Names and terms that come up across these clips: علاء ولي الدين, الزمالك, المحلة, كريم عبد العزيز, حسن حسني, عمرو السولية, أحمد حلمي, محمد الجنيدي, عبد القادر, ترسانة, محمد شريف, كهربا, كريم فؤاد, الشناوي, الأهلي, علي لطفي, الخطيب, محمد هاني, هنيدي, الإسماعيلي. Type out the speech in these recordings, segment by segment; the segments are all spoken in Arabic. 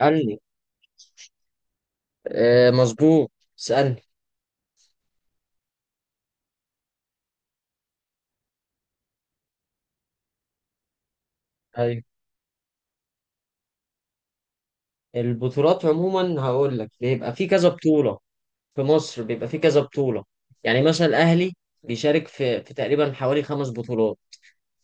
اسألني. آه، مظبوط. اسألني. أيوه. البطولات عموما هقول لك بيبقى في كذا بطولة. في مصر بيبقى في كذا بطولة. يعني مثلا الأهلي بيشارك في تقريبا حوالي 5 بطولات.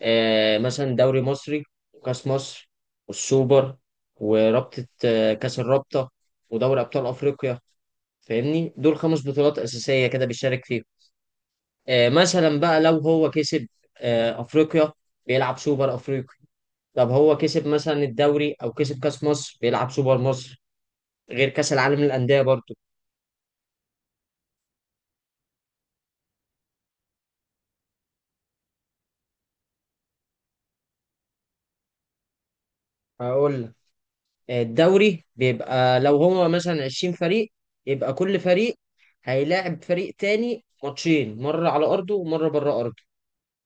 آه مثلا دوري مصري، وكأس مصر، والسوبر، ورابطة كأس الرابطة، ودوري أبطال أفريقيا. فاهمني؟ دول 5 بطولات أساسية كده بيشارك فيهم. آه مثلا بقى لو هو كسب آه أفريقيا، بيلعب سوبر أفريقيا. طب هو كسب مثلا الدوري او كسب كاس مصر، بيلعب سوبر مصر. غير كاس العالم للانديه برضو. هقول لك، الدوري بيبقى لو هو مثلا 20 فريق، يبقى كل فريق هيلاعب فريق تاني ماتشين، مرة على أرضه ومرة بره أرضه.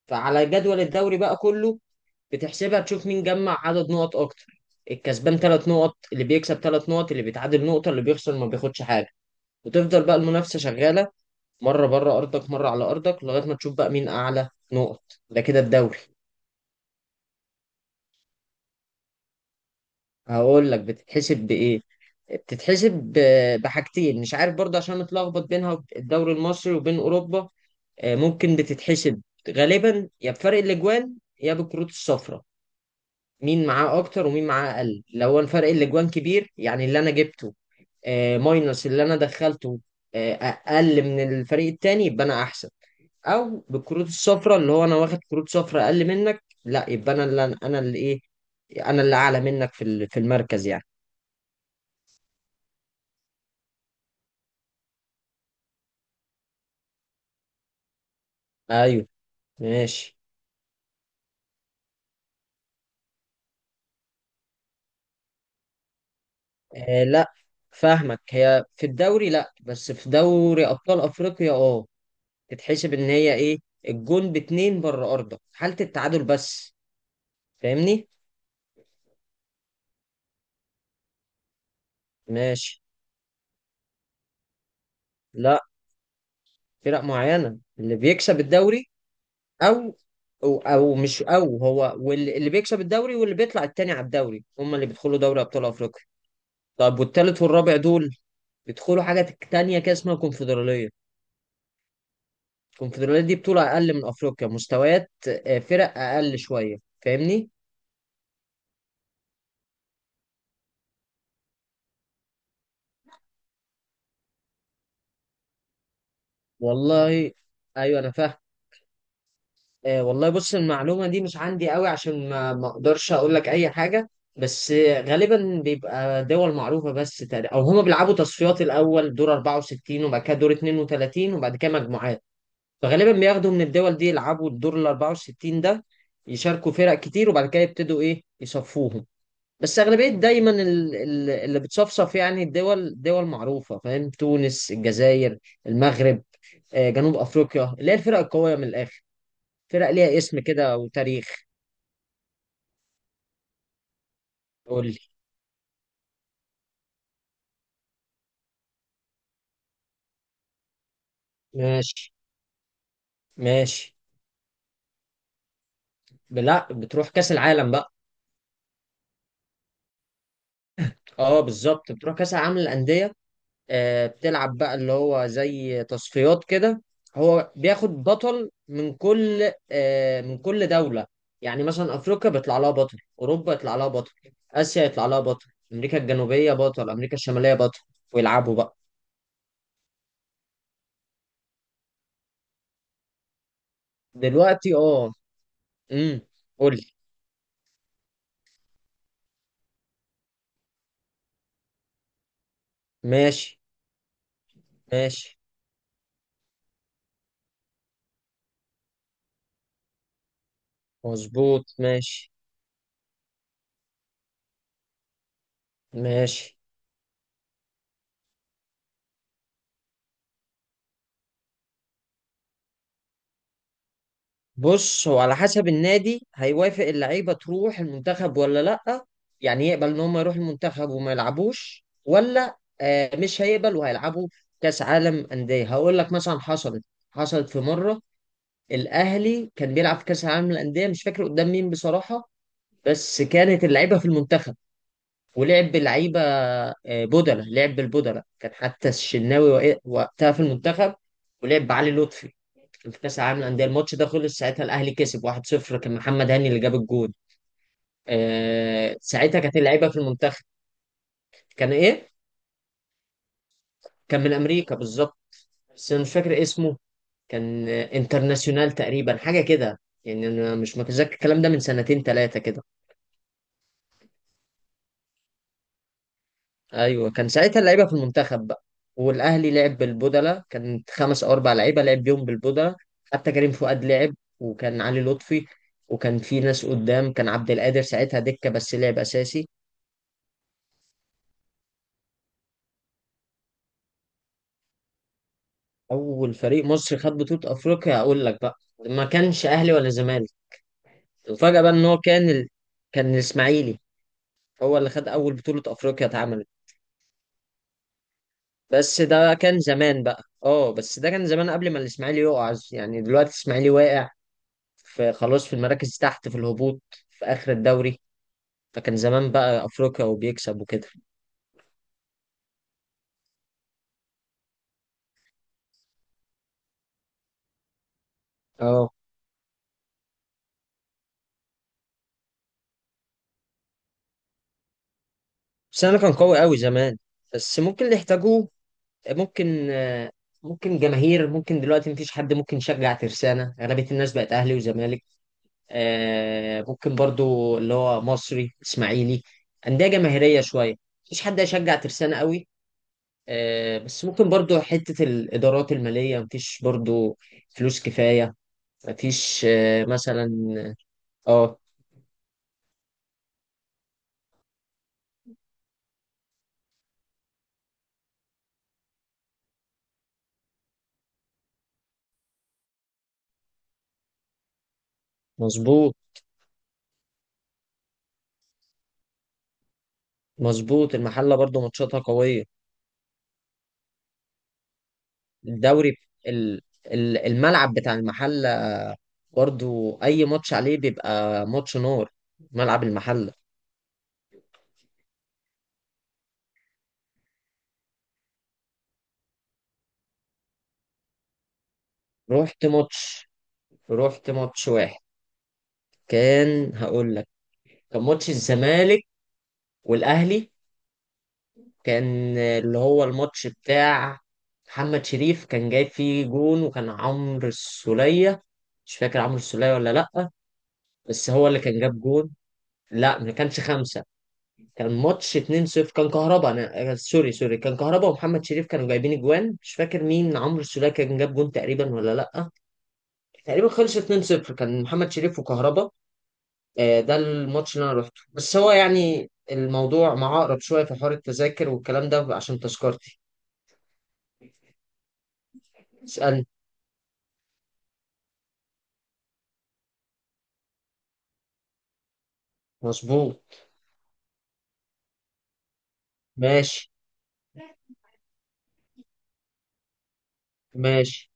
فعلى جدول الدوري بقى كله بتحسبها تشوف مين جمع عدد نقط أكتر. الكسبان 3 نقط، اللي بيكسب 3 نقط، اللي بيتعادل نقطة، اللي بيخسر ما بياخدش حاجة. وتفضل بقى المنافسة شغالة، مرة بره أرضك مرة على أرضك، لغاية ما تشوف بقى مين أعلى نقط. ده كده الدوري. هقول لك بتتحسب بإيه. بتتحسب بحاجتين، مش عارف برضه عشان متلخبط بينها الدوري المصري وبين أوروبا. ممكن بتتحسب غالبا يا بفرق الأجوان يا بالكروت الصفراء. مين معاه أكتر ومين معاه أقل. لو أنا فرق الأجوان كبير، يعني اللي أنا جبته ماينس اللي أنا دخلته أقل من الفريق التاني، يبقى أنا أحسن. او بالكروت الصفراء، اللي هو انا واخد كروت صفراء اقل منك، لا يبقى انا اللي انا ايه، انا اللي اعلى منك في في المركز يعني. ايوه. ماشي. آه لا، فاهمك. هي في الدوري لا، بس في دوري ابطال افريقيا اه، تتحسب ان هي ايه، الجون باتنين بره ارضك حالة التعادل بس. فاهمني؟ ماشي. لا، فرق معينة، اللي بيكسب الدوري او او مش او، هو واللي بيكسب الدوري واللي بيطلع التاني على الدوري، هم اللي بيدخلوا دوري ابطال افريقيا. طب والتالت والرابع دول بيدخلوا حاجة تانية كده اسمها كونفدرالية. الكونفدرالية دي بطولة أقل من أفريقيا مستويات. فرق أقل شوية. فاهمني؟ والله أيوه أنا فاهم. والله بص، المعلومة دي مش عندي قوي عشان ما أقدرش أقول لك أي حاجة. بس غالبا بيبقى دول معروفة، بس تقريبا أو هما بيلعبوا تصفيات الأول دور 64 وبعد كده دور 32 وبعد كده مجموعات. فغالبا بياخدوا من الدول دي يلعبوا الدور ال 64 ده، يشاركوا فرق كتير وبعد كده يبتدوا إيه يصفوهم. بس أغلبية دايما اللي بتصفصف يعني الدول دول معروفة، فاهم؟ تونس، الجزائر، المغرب، جنوب أفريقيا، اللي هي الفرق القوية من الآخر، فرق ليها اسم كده وتاريخ. قول لي. ماشي. ماشي. لا، بتروح كأس العالم بقى. اه بالظبط، بتروح كأس العالم للأندية. بتلعب بقى اللي هو زي تصفيات كده. هو بياخد بطل من كل من كل دولة. يعني مثلا أفريقيا بيطلع لها بطل، أوروبا يطلع لها بطل، آسيا يطلع لها بطل، أمريكا الجنوبية بطل، أمريكا الشمالية بطل، ويلعبوا بقى. دلوقتي اه. امم قول لي. ماشي. ماشي. مظبوط ماشي. ماشي. بص، هو على حسب النادي، هيوافق اللعيبه تروح المنتخب ولا لا. يعني يقبل ان هم يروحوا المنتخب وما يلعبوش، ولا مش هيقبل وهيلعبوا. كاس عالم انديه هقول لك مثلا، حصلت حصلت في مره، الاهلي كان بيلعب في كاس العالم للانديه، مش فاكر قدام مين بصراحه، بس كانت اللعيبه في المنتخب، ولعب باللعيبه بدله، لعب بالبدله، كان حتى الشناوي وقتها في المنتخب ولعب بعلي لطفي في كاس العالم للانديه. الماتش ده خلص ساعتها الاهلي كسب 1-0، كان محمد هاني اللي جاب الجول. آه ساعتها كانت اللعيبه في المنتخب. كان ايه؟ كان من امريكا بالظبط، بس انا مش فاكر اسمه. كان انترناسيونال تقريبا حاجه كده. يعني انا مش متذكر، الكلام ده من سنتين ثلاثه كده. ايوه، كان ساعتها اللعيبه في المنتخب بقى، والاهلي لعب بالبودلة، كانت خمس او اربع لعيبه لعب بيهم بالبودلة. حتى كريم فؤاد لعب، وكان علي لطفي، وكان في ناس قدام، كان عبد القادر ساعتها دكه بس لعب اساسي. اول فريق مصري خد بطولة افريقيا اقول لك بقى، ما كانش اهلي ولا زمالك، وفجأة بقى ان هو كان ال... كان الاسماعيلي، هو اللي خد اول بطولة افريقيا اتعملت. بس ده كان زمان بقى، اه بس ده كان زمان قبل ما الاسماعيلي يقع. يعني دلوقتي الاسماعيلي واقع، في خلاص في المراكز تحت في الهبوط في اخر الدوري. فكان زمان بقى افريقيا وبيكسب وكده. اه. بس انا كان قوي قوي زمان، بس ممكن اللي يحتاجوه، ممكن ممكن جماهير. ممكن دلوقتي مفيش حد ممكن يشجع ترسانة، أغلبية الناس بقت أهلي وزمالك. ممكن برضو اللي هو مصري إسماعيلي، أندية جماهيرية شوية، مفيش حد هيشجع ترسانة قوي. بس ممكن برضو حتة الإدارات المالية، مفيش برضو فلوس كفاية، مفيش مثلا. اه مظبوط. مظبوط، المحلة برضو ماتشاتها قوية. الدوري، ال- الملعب بتاع المحلة برضو اي ماتش عليه بيبقى ماتش نار، ملعب المحله. رحت ماتش، رحت ماتش واحد، كان هقول لك، كان ماتش الزمالك والاهلي، كان اللي هو الماتش بتاع محمد شريف، كان جايب فيه جون، وكان عمرو السولية، مش فاكر عمرو السولية ولا لأ، بس هو اللي كان جاب جون. لا ما كانش خمسة، كان ماتش 2-0، كان كهربا، انا سوري سوري، كان كهربا ومحمد شريف كانوا جايبين اجوان، مش فاكر مين، عمرو السولية كان جاب جون تقريبا ولا لأ. تقريبا خلص 2-0، كان محمد شريف وكهربا. ده الماتش اللي انا رحته، بس هو يعني الموضوع معقرب شويه في حوار التذاكر والكلام ده عشان تذكرتي. اسالني. مظبوط. ماشي. ماشي.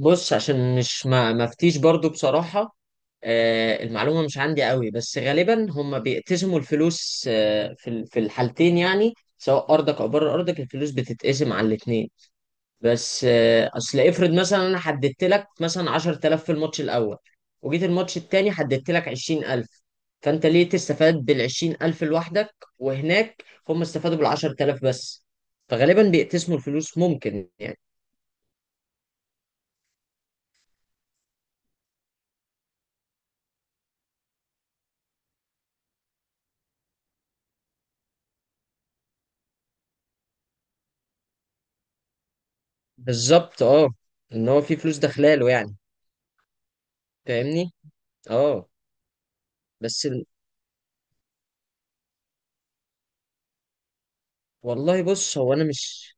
بص عشان مش، ما مفتيش برضو بصراحه، المعلومه مش عندي قوي، بس غالبا هم بيقتسموا الفلوس في في الحالتين، يعني سواء ارضك او بره ارضك الفلوس بتتقسم على الاثنين. بس اصل افرض مثلا انا حددت لك مثلا 10,000 في الماتش الاول، وجيت الماتش التاني حددت لك 20,000، فانت ليه تستفاد بال 20,000 لوحدك وهناك هم استفادوا بال 10,000 بس؟ فغالبا بيقتسموا الفلوس ممكن يعني. بالظبط اه، ان هو في فلوس داخلاله يعني. فاهمني؟ اه. بس ال... والله بص، هو انا مش،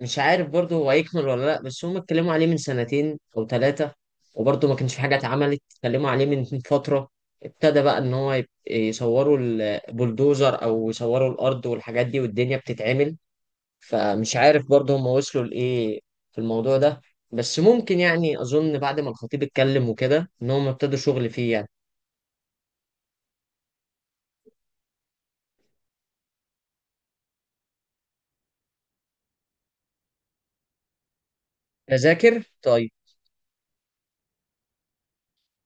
مش عارف برضه هو هيكمل ولا لا، بس هم اتكلموا عليه من سنتين او ثلاثة، وبرضه ما كانش في حاجة اتعملت. اتكلموا عليه من فترة، ابتدى بقى ان هو يصوروا البلدوزر او يصوروا الارض والحاجات دي، والدنيا بتتعمل. فمش عارف برضه هم وصلوا لايه في الموضوع ده. بس ممكن يعني، اظن بعد ما الخطيب اتكلم وكده ان هم ابتدوا شغل فيه يعني. تذاكر طيب.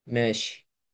ماشي.